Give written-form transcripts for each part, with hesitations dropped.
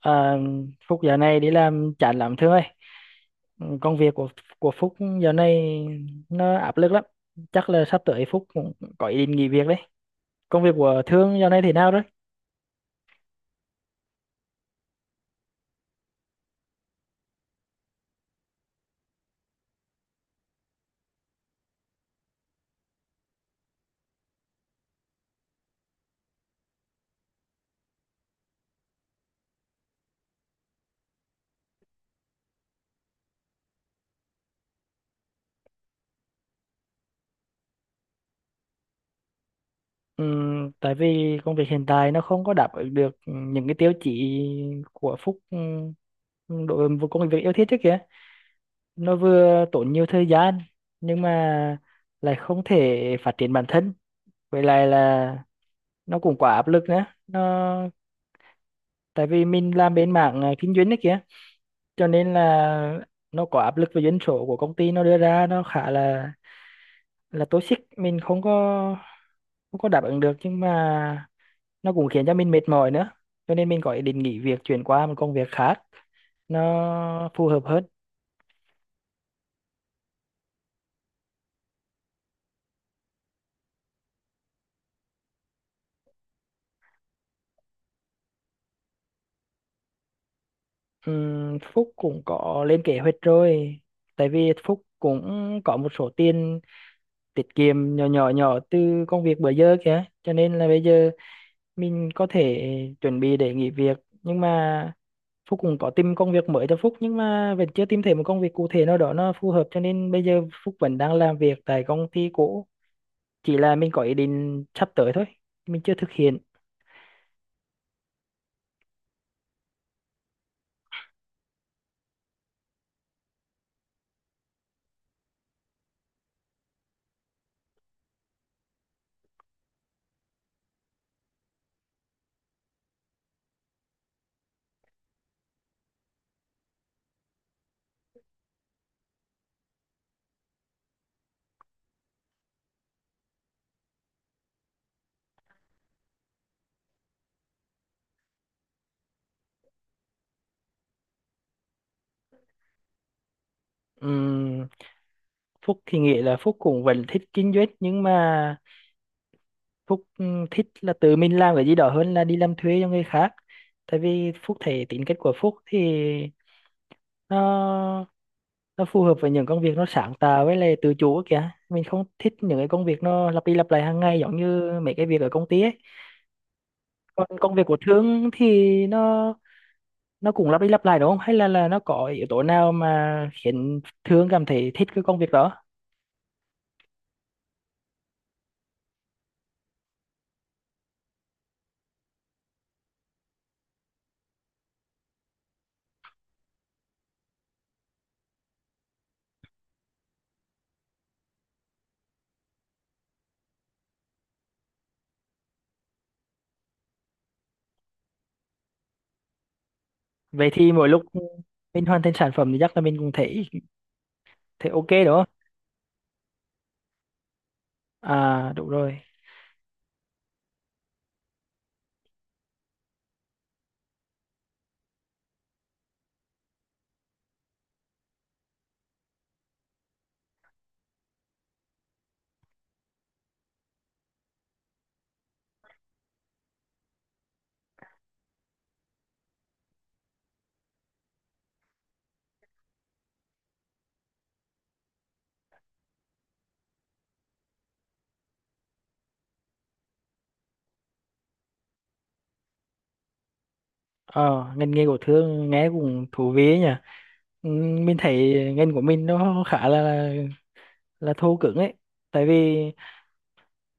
À, Phúc giờ này đi làm chán lắm Thương ơi. Công việc của Phúc giờ này nó áp lực lắm. Chắc là sắp tới Phúc cũng có ý định nghỉ việc đấy. Công việc của Thương giờ này thế nào đấy? Ừ, Tại vì công việc hiện tại nó không có đáp ứng được những cái tiêu chí của Phúc đối với công việc yêu thích trước kìa. Nó vừa tốn nhiều thời gian nhưng mà lại không thể phát triển bản thân. Vậy lại là nó cũng quá áp lực nữa. Nó tại vì mình làm bên mảng kinh doanh đấy kìa, cho nên là nó có áp lực về doanh số của công ty nó đưa ra, nó khá là toxic, mình không có đáp ứng được, nhưng mà nó cũng khiến cho mình mệt mỏi nữa, cho nên mình có ý định nghỉ việc chuyển qua một công việc khác nó phù hợp hơn. Phúc cũng có lên kế hoạch rồi, tại vì Phúc cũng có một số tiền tiết kiệm nhỏ nhỏ nhỏ từ công việc bữa giờ kìa, cho nên là bây giờ mình có thể chuẩn bị để nghỉ việc. Nhưng mà Phúc cũng có tìm công việc mới cho Phúc, nhưng mà vẫn chưa tìm thấy một công việc cụ thể nào đó nó phù hợp, cho nên bây giờ Phúc vẫn đang làm việc tại công ty cũ, chỉ là mình có ý định sắp tới thôi, mình chưa thực hiện. Ừm, Phúc thì nghĩ là Phúc cũng vẫn thích kinh doanh, nhưng mà Phúc thích là tự mình làm cái gì đó hơn là đi làm thuê cho người khác. Tại vì Phúc thấy tính cách của Phúc thì nó nó phù hợp với những công việc nó sáng tạo với lại tự chủ kìa, mình không thích những cái công việc nó lặp đi lặp lại hàng ngày giống như mấy cái việc ở công ty ấy. Còn công việc của Thương thì nó nó cũng lặp đi lặp lại đúng không, hay là nó có yếu tố nào mà khiến Thương cảm thấy thích cái công việc đó? Vậy thì mỗi lúc mình hoàn thành sản phẩm thì chắc là mình cũng thấy thấy ok đúng không? À đúng rồi. Ờ ngành nghề của Thương nghe cũng thú vị ấy nhỉ. Mình thấy ngành của mình nó khá là thô cứng ấy. Tại vì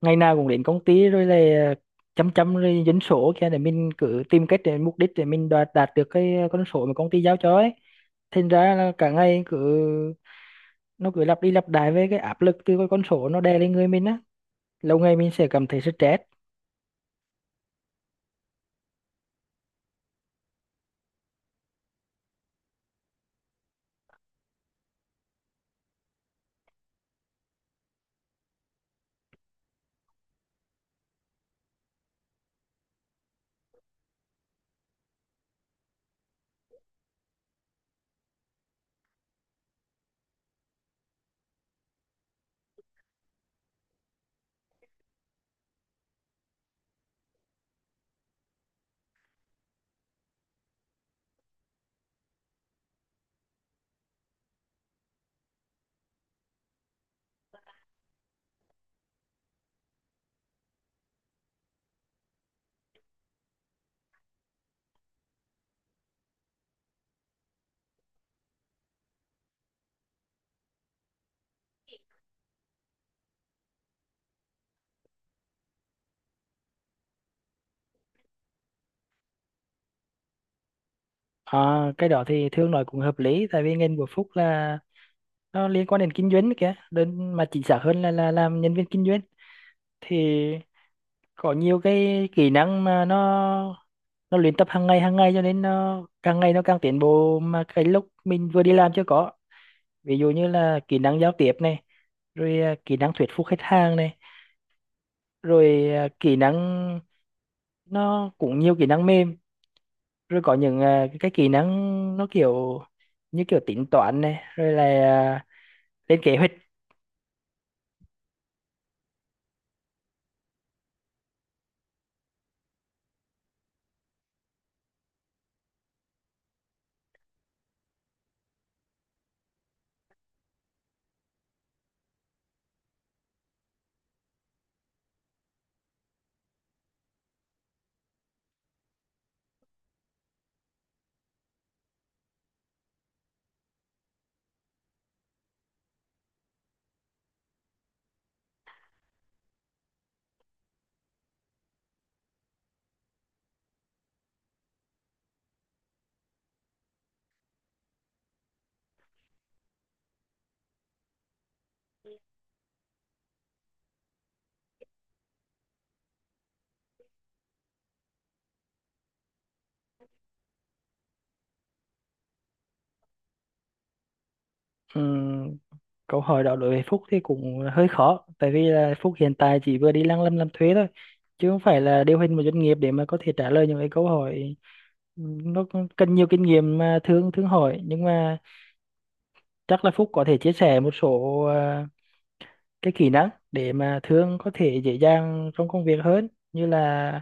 ngày nào cũng đến công ty rồi là chấm chấm rồi dân số kia để mình cứ tìm cách để mục đích để mình đạt đạt được cái con số mà công ty giao cho ấy. Thành ra là cả ngày cứ cứ lặp đi lặp lại với cái áp lực từ cái con số nó đè lên người mình á, lâu ngày mình sẽ cảm thấy stress. À, cái đó thì Thương nói cũng hợp lý. Tại vì ngành của Phúc là nó liên quan đến kinh doanh đấy kìa, đơn mà chính xác hơn là làm nhân viên kinh doanh. Thì có nhiều cái kỹ năng mà nó luyện tập hàng ngày hàng ngày, cho nên nó càng ngày nó càng tiến bộ mà cái lúc mình vừa đi làm chưa có. Ví dụ như là kỹ năng giao tiếp này, rồi kỹ năng thuyết phục khách hàng này, rồi kỹ năng, nó cũng nhiều kỹ năng mềm, rồi có những cái kỹ năng nó kiểu như kiểu tính toán này, rồi là lên kế hoạch. Ừm, câu hỏi đó đối với Phúc thì cũng hơi khó. Tại vì là Phúc hiện tại chỉ vừa đi lăng lâm làm thuế thôi, chứ không phải là điều hành một doanh nghiệp để mà có thể trả lời những cái câu hỏi nó cũng cần nhiều kinh nghiệm mà thương thương hỏi. Nhưng mà chắc là Phúc có thể chia sẻ một số cái kỹ năng để mà thương có thể dễ dàng trong công việc hơn, như là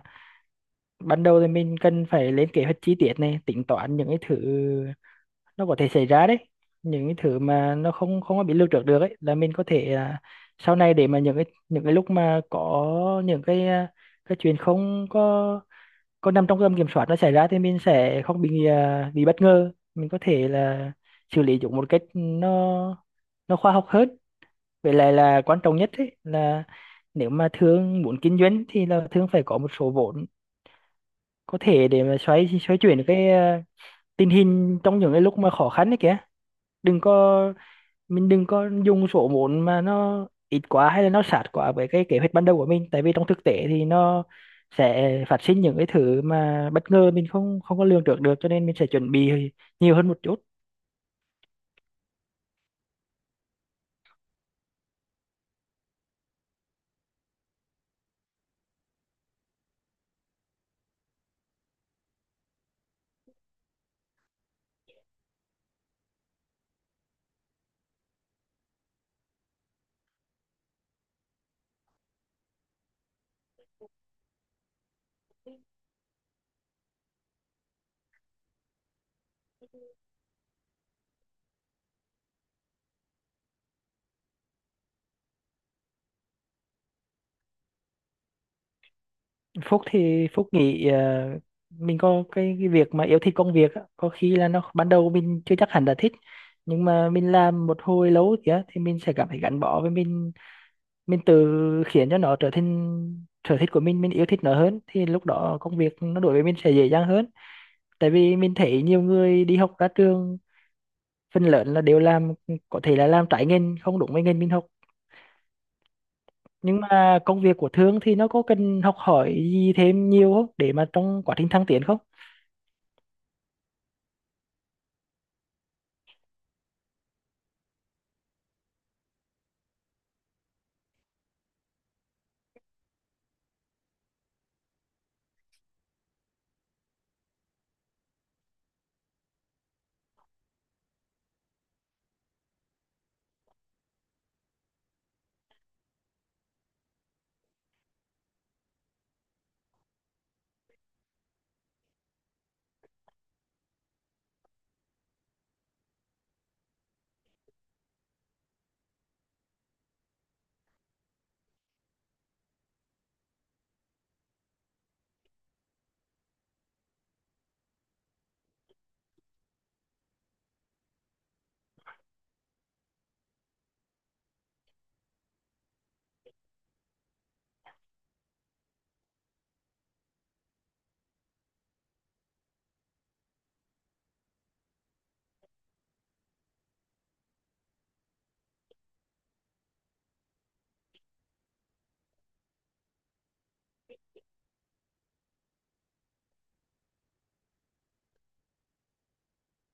ban đầu thì mình cần phải lên kế hoạch chi tiết này, tính toán những cái thứ nó có thể xảy ra đấy, những cái thứ mà nó không không có bị lưu trữ được ấy, là mình có thể sau này để mà những cái lúc mà có những cái cái chuyện không có nằm trong tầm kiểm soát nó xảy ra, thì mình sẽ không bị bị bất ngờ, mình có thể là xử lý chúng một cách nó khoa học hơn. Vậy lại là quan trọng nhất ấy là nếu mà thương muốn kinh doanh thì là thương phải có một số vốn có thể để mà xoay xoay chuyển cái tình hình trong những cái lúc mà khó khăn đấy kìa. Đừng có, mình đừng có dùng số vốn mà nó ít quá hay là nó sát quá với cái kế hoạch ban đầu của mình. Tại vì trong thực tế thì nó sẽ phát sinh những cái thứ mà bất ngờ mình không không có lường trước được, cho nên mình sẽ chuẩn bị nhiều hơn một chút. Phúc thì Phúc nghĩ mình có cái việc mà yêu thích công việc á, có khi là nó ban đầu mình chưa chắc hẳn là thích, nhưng mà mình làm một hồi lâu kìa thì mình sẽ cảm thấy gắn bó với mình tự khiến cho nó trở thành sở thích của mình yêu thích nó hơn thì lúc đó công việc nó đối với mình sẽ dễ dàng hơn. Tại vì mình thấy nhiều người đi học ra trường phần lớn là đều làm, có thể là làm trái ngành không đúng với ngành mình học. Nhưng mà công việc của Thương thì nó có cần học hỏi gì thêm nhiều không để mà trong quá trình thăng tiến không?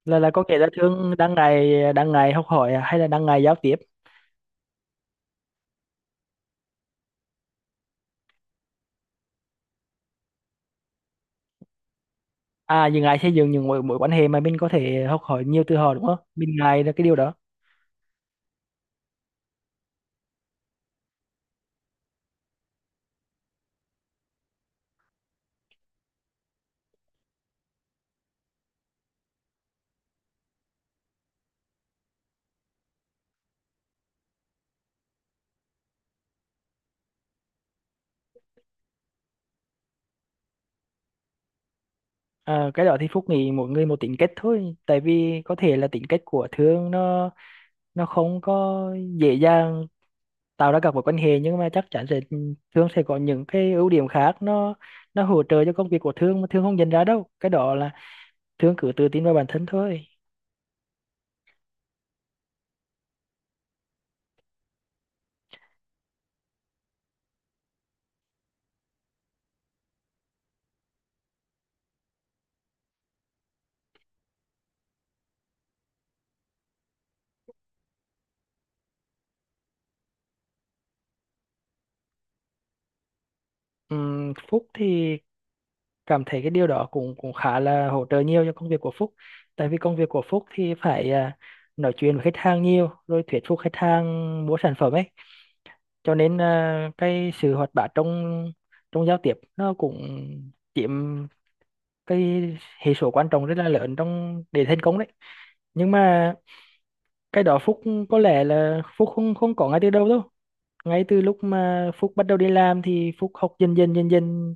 Là có kể là Thương đang ngày học hỏi à? Hay là đang ngày giao tiếp, à ngày xây dựng những mối mối quan hệ mà mình có thể học hỏi nhiều từ họ đúng không? Mình ngại là cái điều đó. À, cái đó thì Phúc nghĩ mỗi người một tính cách thôi. Tại vì có thể là tính cách của Thương nó không có dễ dàng tạo ra các mối quan hệ, nhưng mà chắc chắn sẽ Thương sẽ có những cái ưu điểm khác nó hỗ trợ cho công việc của Thương mà Thương không nhận ra đâu. Cái đó là Thương cứ tự tin vào bản thân thôi. Phúc thì cảm thấy cái điều đó cũng cũng khá là hỗ trợ nhiều cho công việc của Phúc. Tại vì công việc của Phúc thì phải nói chuyện với khách hàng nhiều rồi thuyết phục khách hàng mua sản phẩm ấy. Cho nên cái sự hoạt bát trong trong giao tiếp nó cũng chiếm cái hệ số quan trọng rất là lớn trong để thành công đấy. Nhưng mà cái đó Phúc có lẽ là Phúc không không có ngay từ đầu đâu. Ngay từ lúc mà Phúc bắt đầu đi làm thì Phúc học dần dần,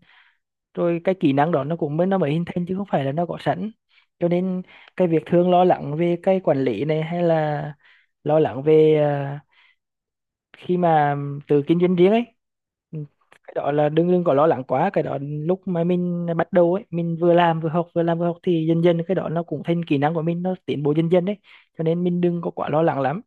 rồi cái kỹ năng đó nó mới hình thành chứ không phải là nó có sẵn. Cho nên cái việc thường lo lắng về cái quản lý này, hay là lo lắng về khi mà tự kinh doanh riêng ấy. Ừ. Cái đó là đừng đừng có lo lắng quá. Cái đó lúc mà mình bắt đầu ấy, mình vừa làm vừa học thì dần dần cái đó nó cũng thành kỹ năng của mình, nó tiến bộ dần dần đấy. Cho nên mình đừng có quá lo lắng lắm.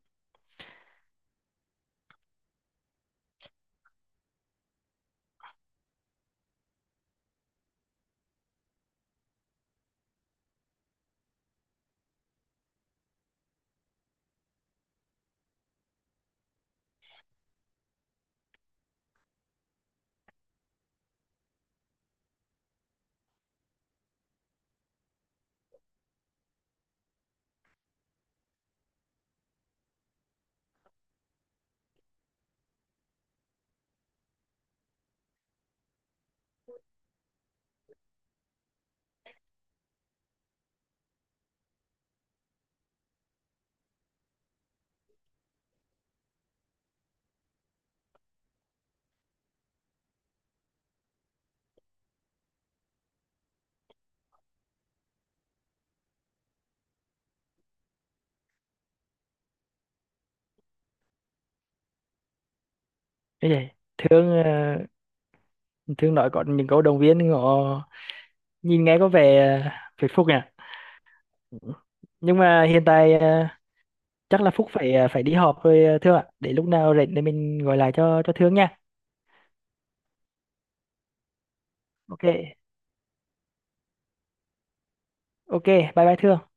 Thế vậy thường thường nói có những câu động viên họ nhìn nghe có vẻ ờ, phải phúc nhỉ. Ừ. Nhưng mà hiện tại chắc là Phúc phải phải đi họp rồi Thương ạ, để lúc nào rảnh để mình gọi lại cho Thương nha. Ok. Ok, bye bye Thương.